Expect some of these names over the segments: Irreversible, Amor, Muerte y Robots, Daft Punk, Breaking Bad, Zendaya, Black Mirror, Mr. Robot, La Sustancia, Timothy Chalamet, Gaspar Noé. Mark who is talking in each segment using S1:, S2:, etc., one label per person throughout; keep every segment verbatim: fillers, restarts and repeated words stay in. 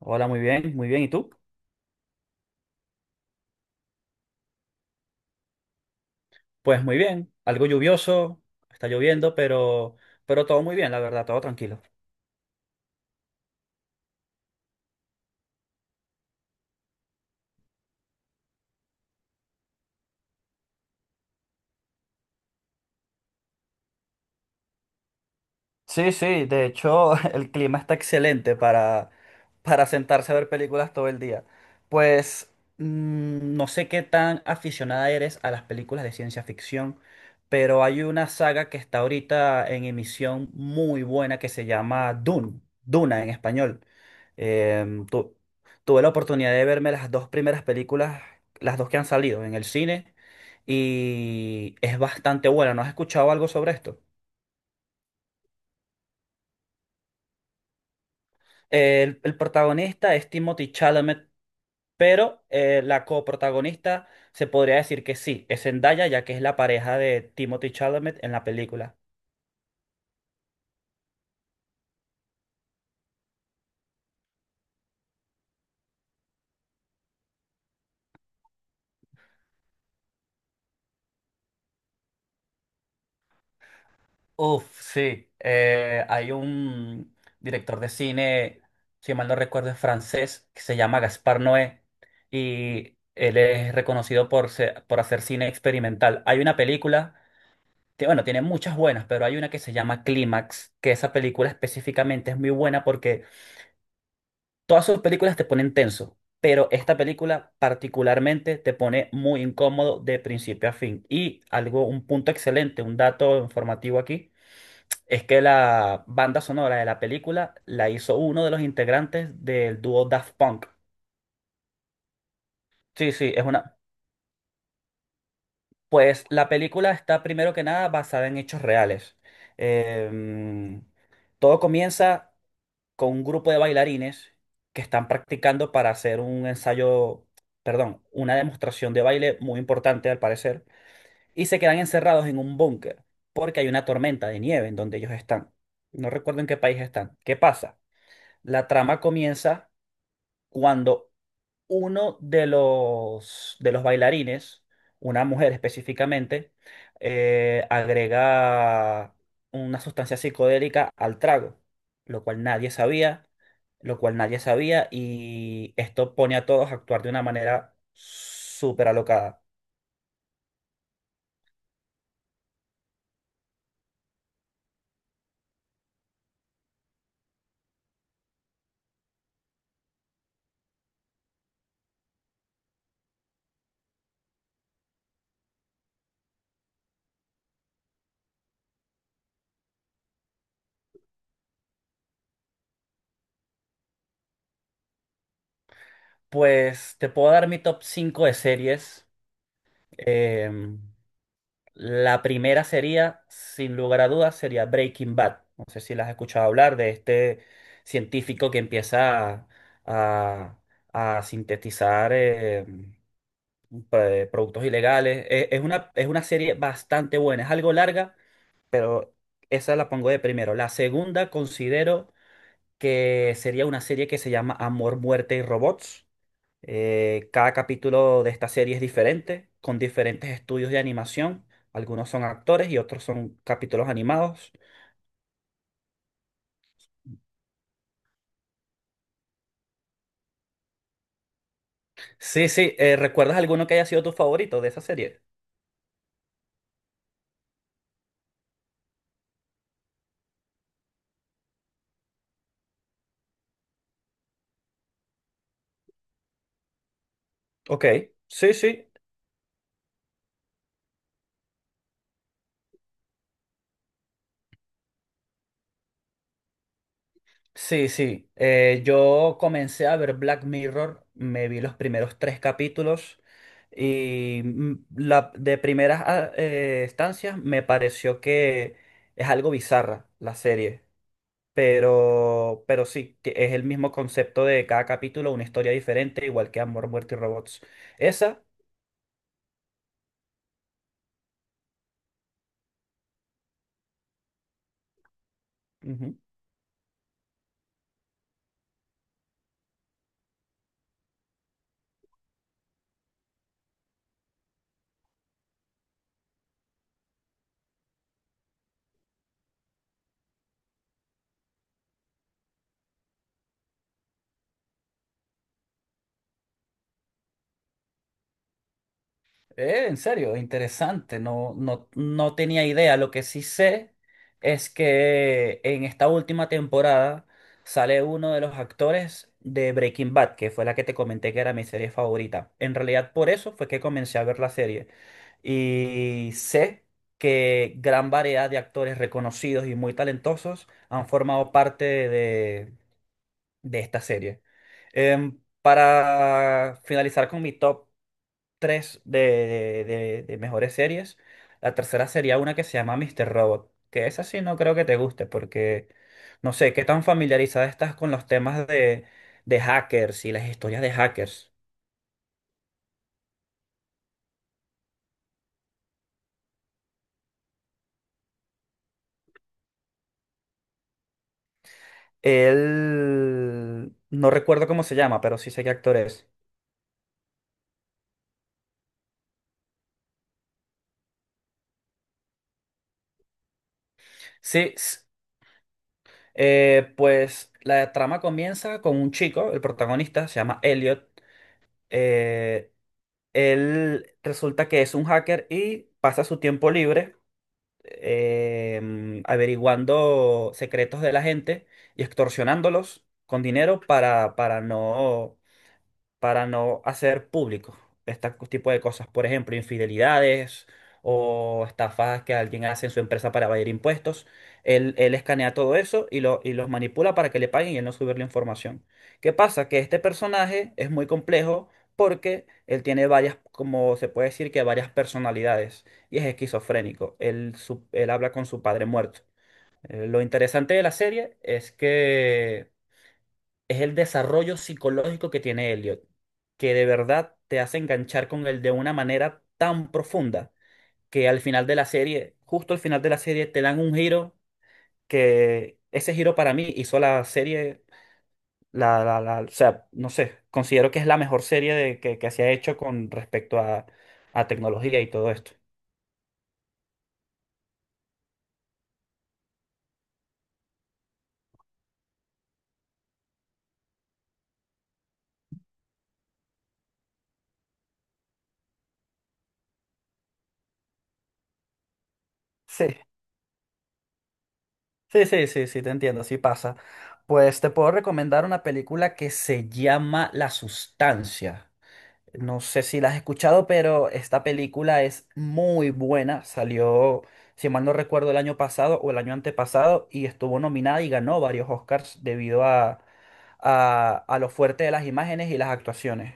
S1: Hola, muy bien, muy bien. ¿Y tú? Pues muy bien, algo lluvioso, está lloviendo, pero, pero todo muy bien, la verdad, todo tranquilo. Sí, sí, de hecho el clima está excelente para, para sentarse a ver películas todo el día. Pues mm, no sé qué tan aficionada eres a las películas de ciencia ficción, pero hay una saga que está ahorita en emisión muy buena que se llama Dune, Duna en español. Em, tu- Tuve la oportunidad de verme las dos primeras películas, las dos que han salido en el cine, y es bastante buena. ¿No has escuchado algo sobre esto? El, el protagonista es Timothy Chalamet, pero eh, la coprotagonista se podría decir que sí, es Zendaya, ya que es la pareja de Timothy Chalamet en la película. Uf, sí. eh, hay un director de cine, si mal no recuerdo, es francés, que se llama Gaspar Noé, y él es reconocido por, se- por hacer cine experimental. Hay una película que, bueno, tiene muchas buenas, pero hay una que se llama Clímax, que esa película específicamente es muy buena porque todas sus películas te ponen tenso, pero esta película particularmente te pone muy incómodo de principio a fin. Y algo, un punto excelente, un dato informativo aquí, es que la banda sonora de la película la hizo uno de los integrantes del dúo Daft Punk. Sí, sí, es una... Pues la película está primero que nada basada en hechos reales. Em, Todo comienza con un grupo de bailarines que están practicando para hacer un ensayo, perdón, una demostración de baile muy importante al parecer, y se quedan encerrados en un búnker porque hay una tormenta de nieve en donde ellos están. No recuerdo en qué país están. ¿Qué pasa? La trama comienza cuando uno de los, de los bailarines, una mujer específicamente, eh, agrega una sustancia psicodélica al trago, lo cual nadie sabía lo cual nadie sabía y esto pone a todos a actuar de una manera súper alocada. Pues te puedo dar mi top cinco de series. Em, la primera sería, sin lugar a dudas, sería Breaking Bad. No sé si las has escuchado hablar de este científico que empieza a, a- a sintetizar em, pe- productos ilegales. E- Es, una, es una serie bastante buena, es algo larga, pero esa la pongo de primero. La segunda considero que sería una serie que se llama Amor, Muerte y Robots. Eh, cada capítulo de esta serie es diferente, con diferentes estudios de animación. Algunos son actores y otros son capítulos animados. Sí, sí, eh, ¿recuerdas alguno que haya sido tu favorito de esa serie? Ok, sí, sí. Sí, sí. Eh, yo comencé a ver Black Mirror, me vi los primeros tres capítulos y mm, la, de primeras ah, eh, estancias me pareció que es algo bizarra la serie. Pero, pero sí, que es el mismo concepto de cada capítulo, una historia diferente, igual que Amor, Muerte y Robots. Esa, ujú, Eh, en serio, interesante. No, no, no tenía idea. Lo que sí sé es que en esta última temporada sale uno de los actores de Breaking Bad, que fue la que te comenté que era mi serie favorita. En realidad, por eso fue que comencé a ver la serie. Y sé que gran variedad de actores reconocidos y muy talentosos han formado parte de, de esta serie. Em, para finalizar con mi top tres de, de- de- de mejores series. La tercera sería una que se llama míster Robot, que esa sí no creo que te guste porque no sé qué tan familiarizada estás con los temas de, de hackers y las historias de hackers. Él no recuerdo cómo se llama, pero sí sé qué actor es. Sí, s- eh, pues la trama comienza con un chico, el protagonista se llama Elliot. eh, él resulta que es un hacker y pasa su tiempo libre em, averiguando secretos de la gente y extorsionándolos con dinero para, para no, para no hacer público este tipo de cosas. Por ejemplo, infidelidades o estafas que alguien hace en su empresa para evadir impuestos. Él, él escanea todo eso y, lo, y los manipula para que le paguen y él no subir la información. ¿Qué pasa? Que este personaje es muy complejo porque él tiene varias, como se puede decir que varias personalidades y es esquizofrénico. Él, su- él habla con su padre muerto. Eh, Lo interesante de la serie es que es el desarrollo psicológico que tiene Elliot, que de verdad te hace enganchar con él de una manera tan profunda que al final de la serie, justo al final de la serie, te dan un giro que ese giro para mí hizo la serie, la, la, la- o sea, no sé, considero que es la mejor serie de, que, que se ha hecho con respecto a, a tecnología y todo esto. Sí, sí, sí, sí, sí, te entiendo, sí pasa. Pues te puedo recomendar una película que se llama La Sustancia. No sé si la has escuchado, pero esta película es muy buena. Salió, si mal no recuerdo, el año pasado o el año antepasado y estuvo nominada y ganó varios Oscars debido a, a, a lo fuerte de las imágenes y las actuaciones.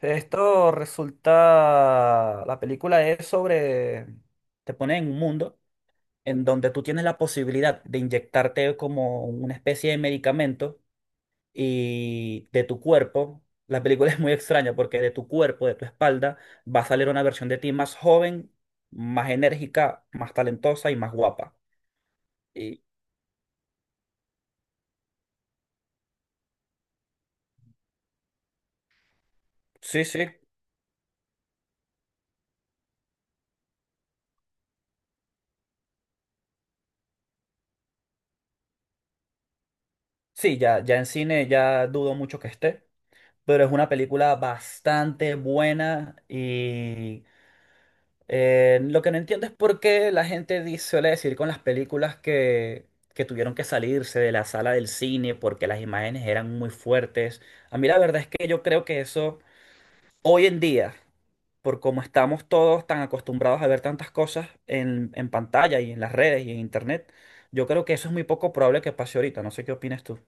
S1: Esto resulta, la película es sobre, te pone en un mundo en donde tú tienes la posibilidad de inyectarte como una especie de medicamento y de tu cuerpo. La película es muy extraña porque de tu cuerpo, de tu espalda, va a salir una versión de ti más joven, más enérgica, más talentosa y más guapa. Y sí, sí, sí, ya, ya en cine ya dudo mucho que esté, pero es una película bastante buena y eh, lo que no entiendo es por qué la gente dice, suele decir con las películas que, que tuvieron que salirse de la sala del cine porque las imágenes eran muy fuertes. A mí la verdad es que yo creo que eso... Hoy en día, por como estamos todos tan acostumbrados a ver tantas cosas en, en pantalla y en las redes y en internet, yo creo que eso es muy poco probable que pase ahorita. No sé qué opinas tú.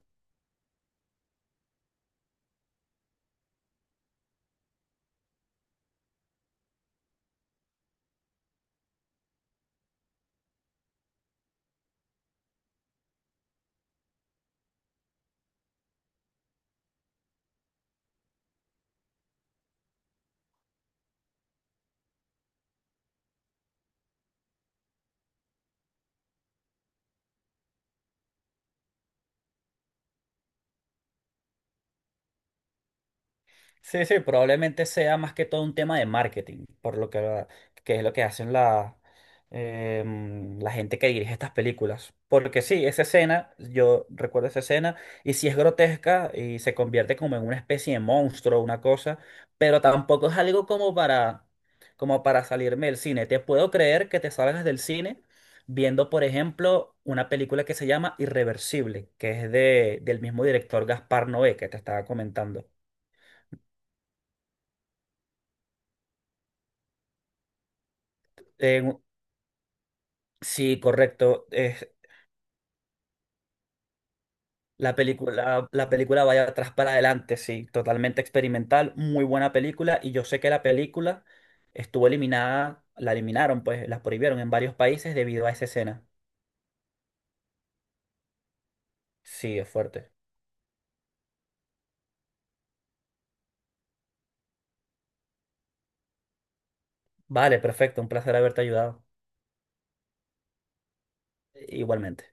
S1: Sí, sí, probablemente sea más que todo un tema de marketing, por lo que, que es lo que hacen la, em, la gente que dirige estas películas. Porque sí, esa escena, yo recuerdo esa escena, y sí es grotesca y se convierte como en una especie de monstruo, una cosa, pero tampoco es algo como para, como para salirme del cine. Te puedo creer que te salgas del cine viendo, por ejemplo, una película que se llama Irreversible, que es de, del mismo director Gaspar Noé que te estaba comentando. Sí, correcto. Es la película, la película vaya atrás para adelante, sí, totalmente experimental, muy buena película. Y yo sé que la película estuvo eliminada, la eliminaron, pues la prohibieron en varios países debido a esa escena. Sí, es fuerte. Vale, perfecto, un placer haberte ayudado. Igualmente.